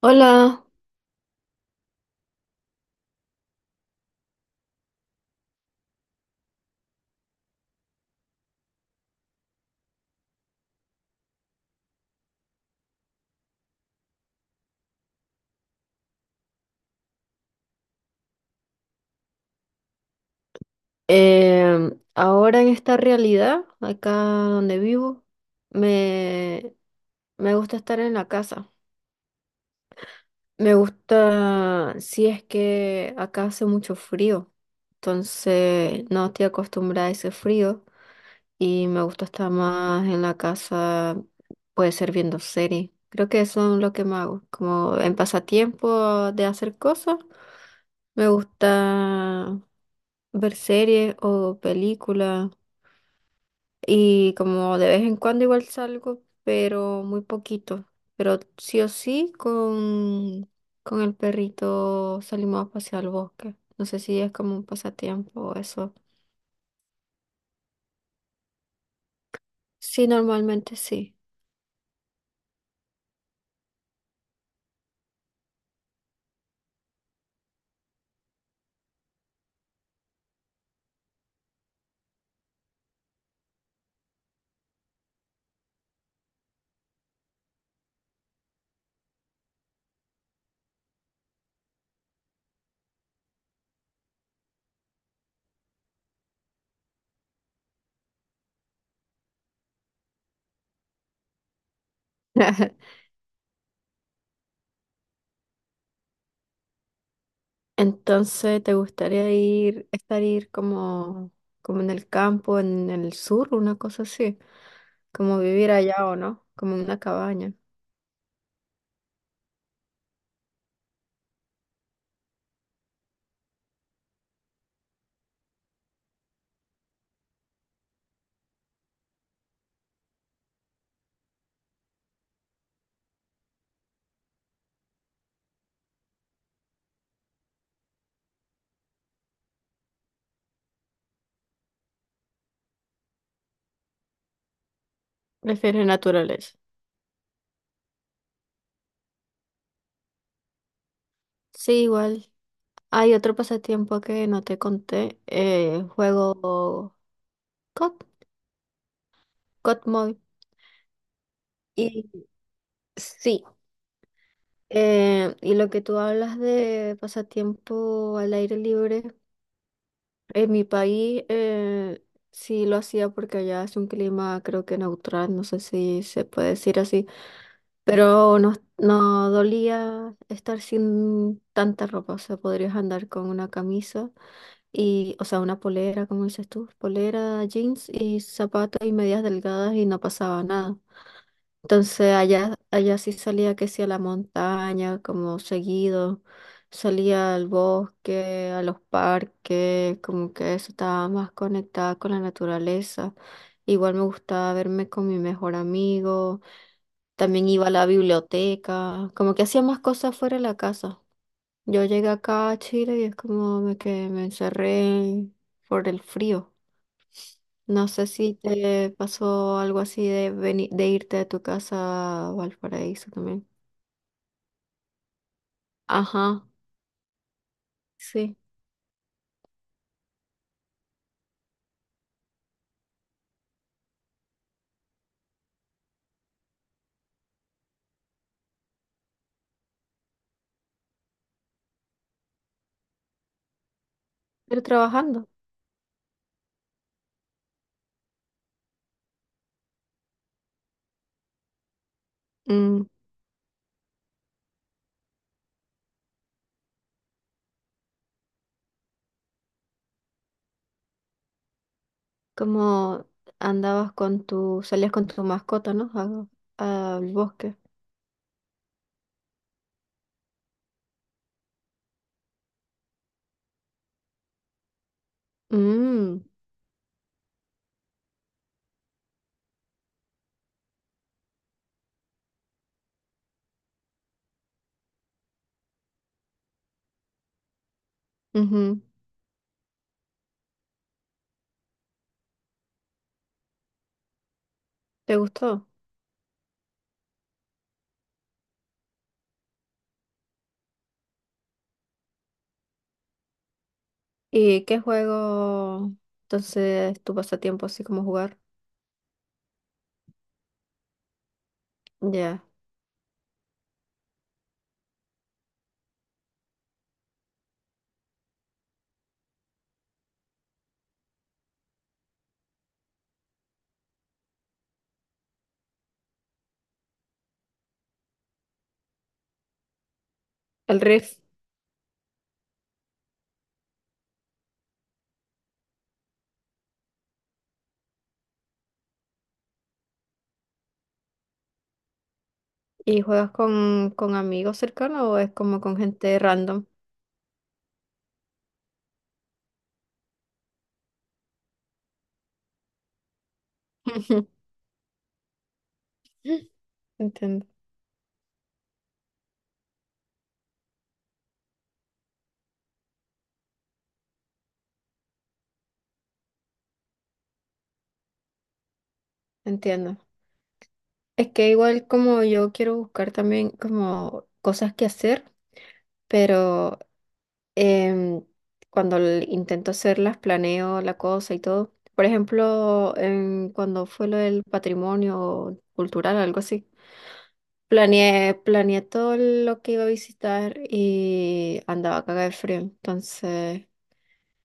Hola. Ahora en esta realidad, acá donde vivo, me, me gusta estar en la casa. Me gusta si es que acá hace mucho frío, entonces no estoy acostumbrada a ese frío y me gusta estar más en la casa, puede ser viendo series. Creo que eso es lo que me hago, como en pasatiempo de hacer cosas, me gusta ver series o películas. Y como de vez en cuando igual salgo, pero muy poquito. Pero sí o sí con el perrito salimos a pasear al bosque. No sé si es como un pasatiempo o eso. Sí, normalmente sí. Entonces, ¿te gustaría ir como, como en el campo, en el sur, una cosa así? Como vivir allá o no, como en una cabaña. Prefiero naturaleza. Sí, igual. Hay otro pasatiempo que no te conté. Juego COD, COD Mobile. Y sí, y lo que tú hablas de pasatiempo al aire libre, en mi país sí lo hacía porque allá es un clima creo que neutral, no sé si se puede decir así, pero no dolía estar sin tanta ropa, o sea, podrías andar con una camisa. Y, o sea, una polera, como dices tú, polera, jeans y zapatos y medias delgadas y no pasaba nada. Entonces allá sí salía que sí a la montaña, como seguido, salía al bosque, a los parques, como que eso estaba más conectada con la naturaleza. Igual me gustaba verme con mi mejor amigo, también iba a la biblioteca, como que hacía más cosas fuera de la casa. Yo llegué acá a Chile y es como me que me encerré por el frío. No sé si te pasó algo así de de irte de tu casa a Valparaíso también. Ajá, sí. Pero trabajando. Mm, como andabas con salías con tu mascota, ¿no? A- al bosque. Mm, ujú. ¿Te gustó? ¿Y qué juego entonces tu pasatiempo así como jugar? Ya. El Rift. ¿Y juegas con amigos cercanos o es como con gente random? Entiendo, entiendo. Es que igual como yo quiero buscar también como cosas que hacer, pero em, cuando intento hacerlas, planeo la cosa y todo. Por ejemplo, cuando fue lo del patrimonio cultural, algo así, planeé, planeé todo lo que iba a visitar y andaba cagada de frío. Entonces,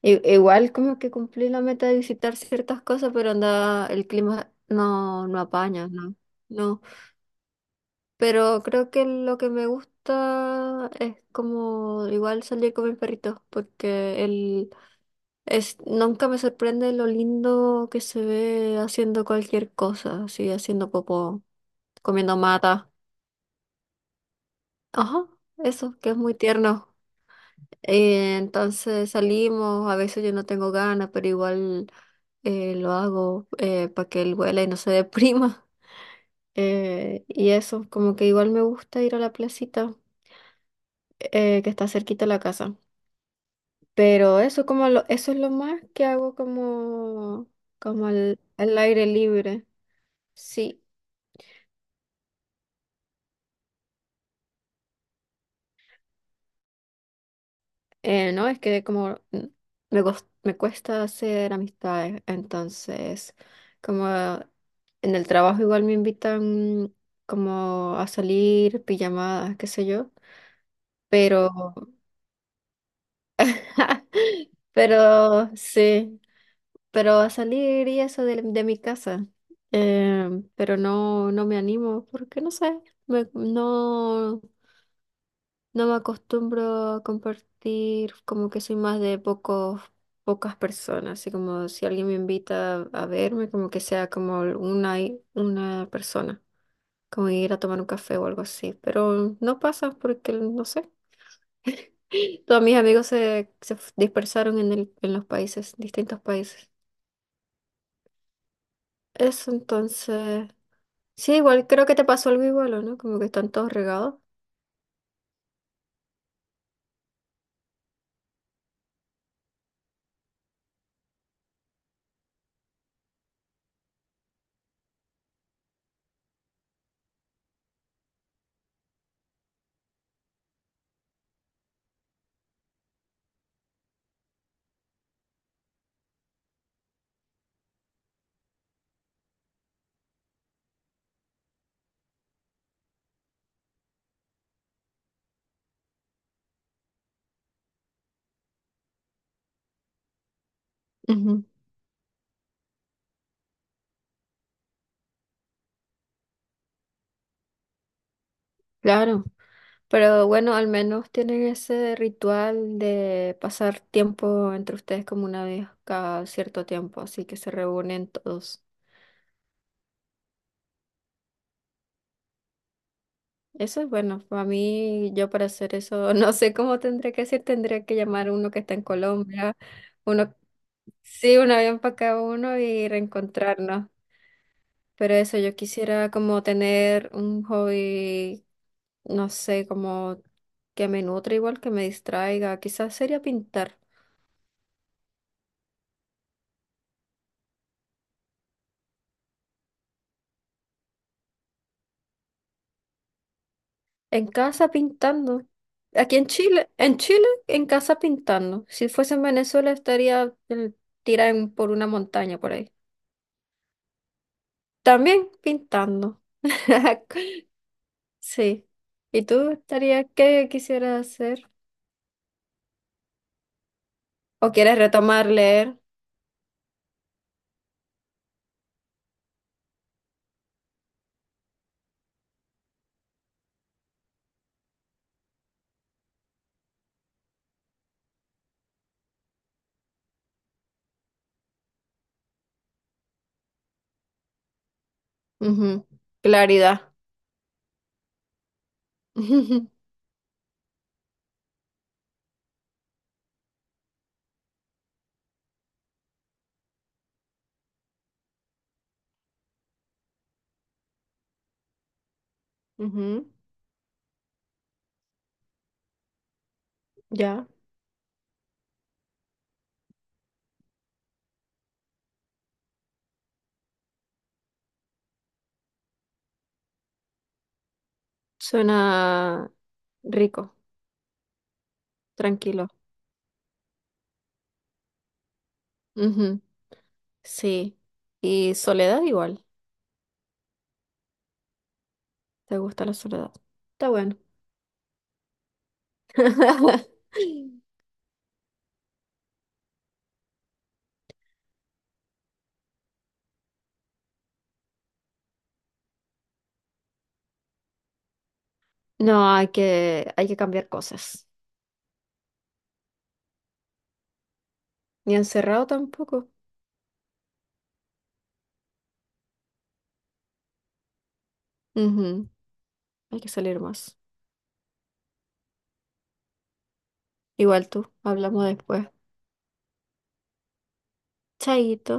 I- igual como que cumplí la meta de visitar ciertas cosas, pero anda, el clima no apaña, no, no. Pero creo que lo que me gusta es como igual salir con mis perritos, porque él es, nunca me sorprende lo lindo que se ve haciendo cualquier cosa, así haciendo popó, comiendo mata. Ajá, eso, que es muy tierno. Entonces salimos, a veces yo no tengo ganas, pero igual lo hago para que él huela y no se deprima. Y eso, como que igual me gusta ir a la placita que está cerquita de la casa. Pero eso es lo más que hago como, como al aire libre. Sí. No, es que como me cuesta hacer amistades, entonces como en el trabajo igual me invitan como a salir, pijamadas, qué sé yo, pero, pero sí, pero a salir y eso de mi casa, eh, pero no me animo porque no sé, me- no. No me acostumbro a compartir, como que soy más de pocas personas, así como si alguien me invita a verme, como que sea como una persona, como ir a tomar un café o algo así, pero no pasa porque, no sé, todos mis amigos dispersaron en en los países, distintos países. Eso entonces, sí, igual creo que te pasó algo igual, ¿o no? Como que están todos regados. Ujú. Claro. Pero bueno, al menos tienen ese ritual de pasar tiempo entre ustedes como una vez cada cierto tiempo, así que se reúnen todos. Eso es bueno, para mí, yo para hacer eso, no sé cómo tendría que hacer, tendría que llamar a uno que está en Colombia, uno, sí, un avión para cada uno y reencontrarnos. Pero eso, yo quisiera como tener un hobby, no sé, como que me nutre igual, que me distraiga, quizás sería pintar. En casa pintando. En Chile, en casa pintando. Si fuese en Venezuela, estaría tirada en- por una montaña por ahí. También pintando. Sí. ¿Y tú estarías, qué quisieras hacer? ¿O quieres retomar leer? Ujú. Claridad. Ujú. Ya. Suena rico, tranquilo. Ujú. Sí. Y soledad igual. ¿Te gusta la soledad? Está bueno. No, hay que cambiar cosas. Ni encerrado tampoco. Ujú. Hay que salir más. Igual tú, hablamos después. Chaito.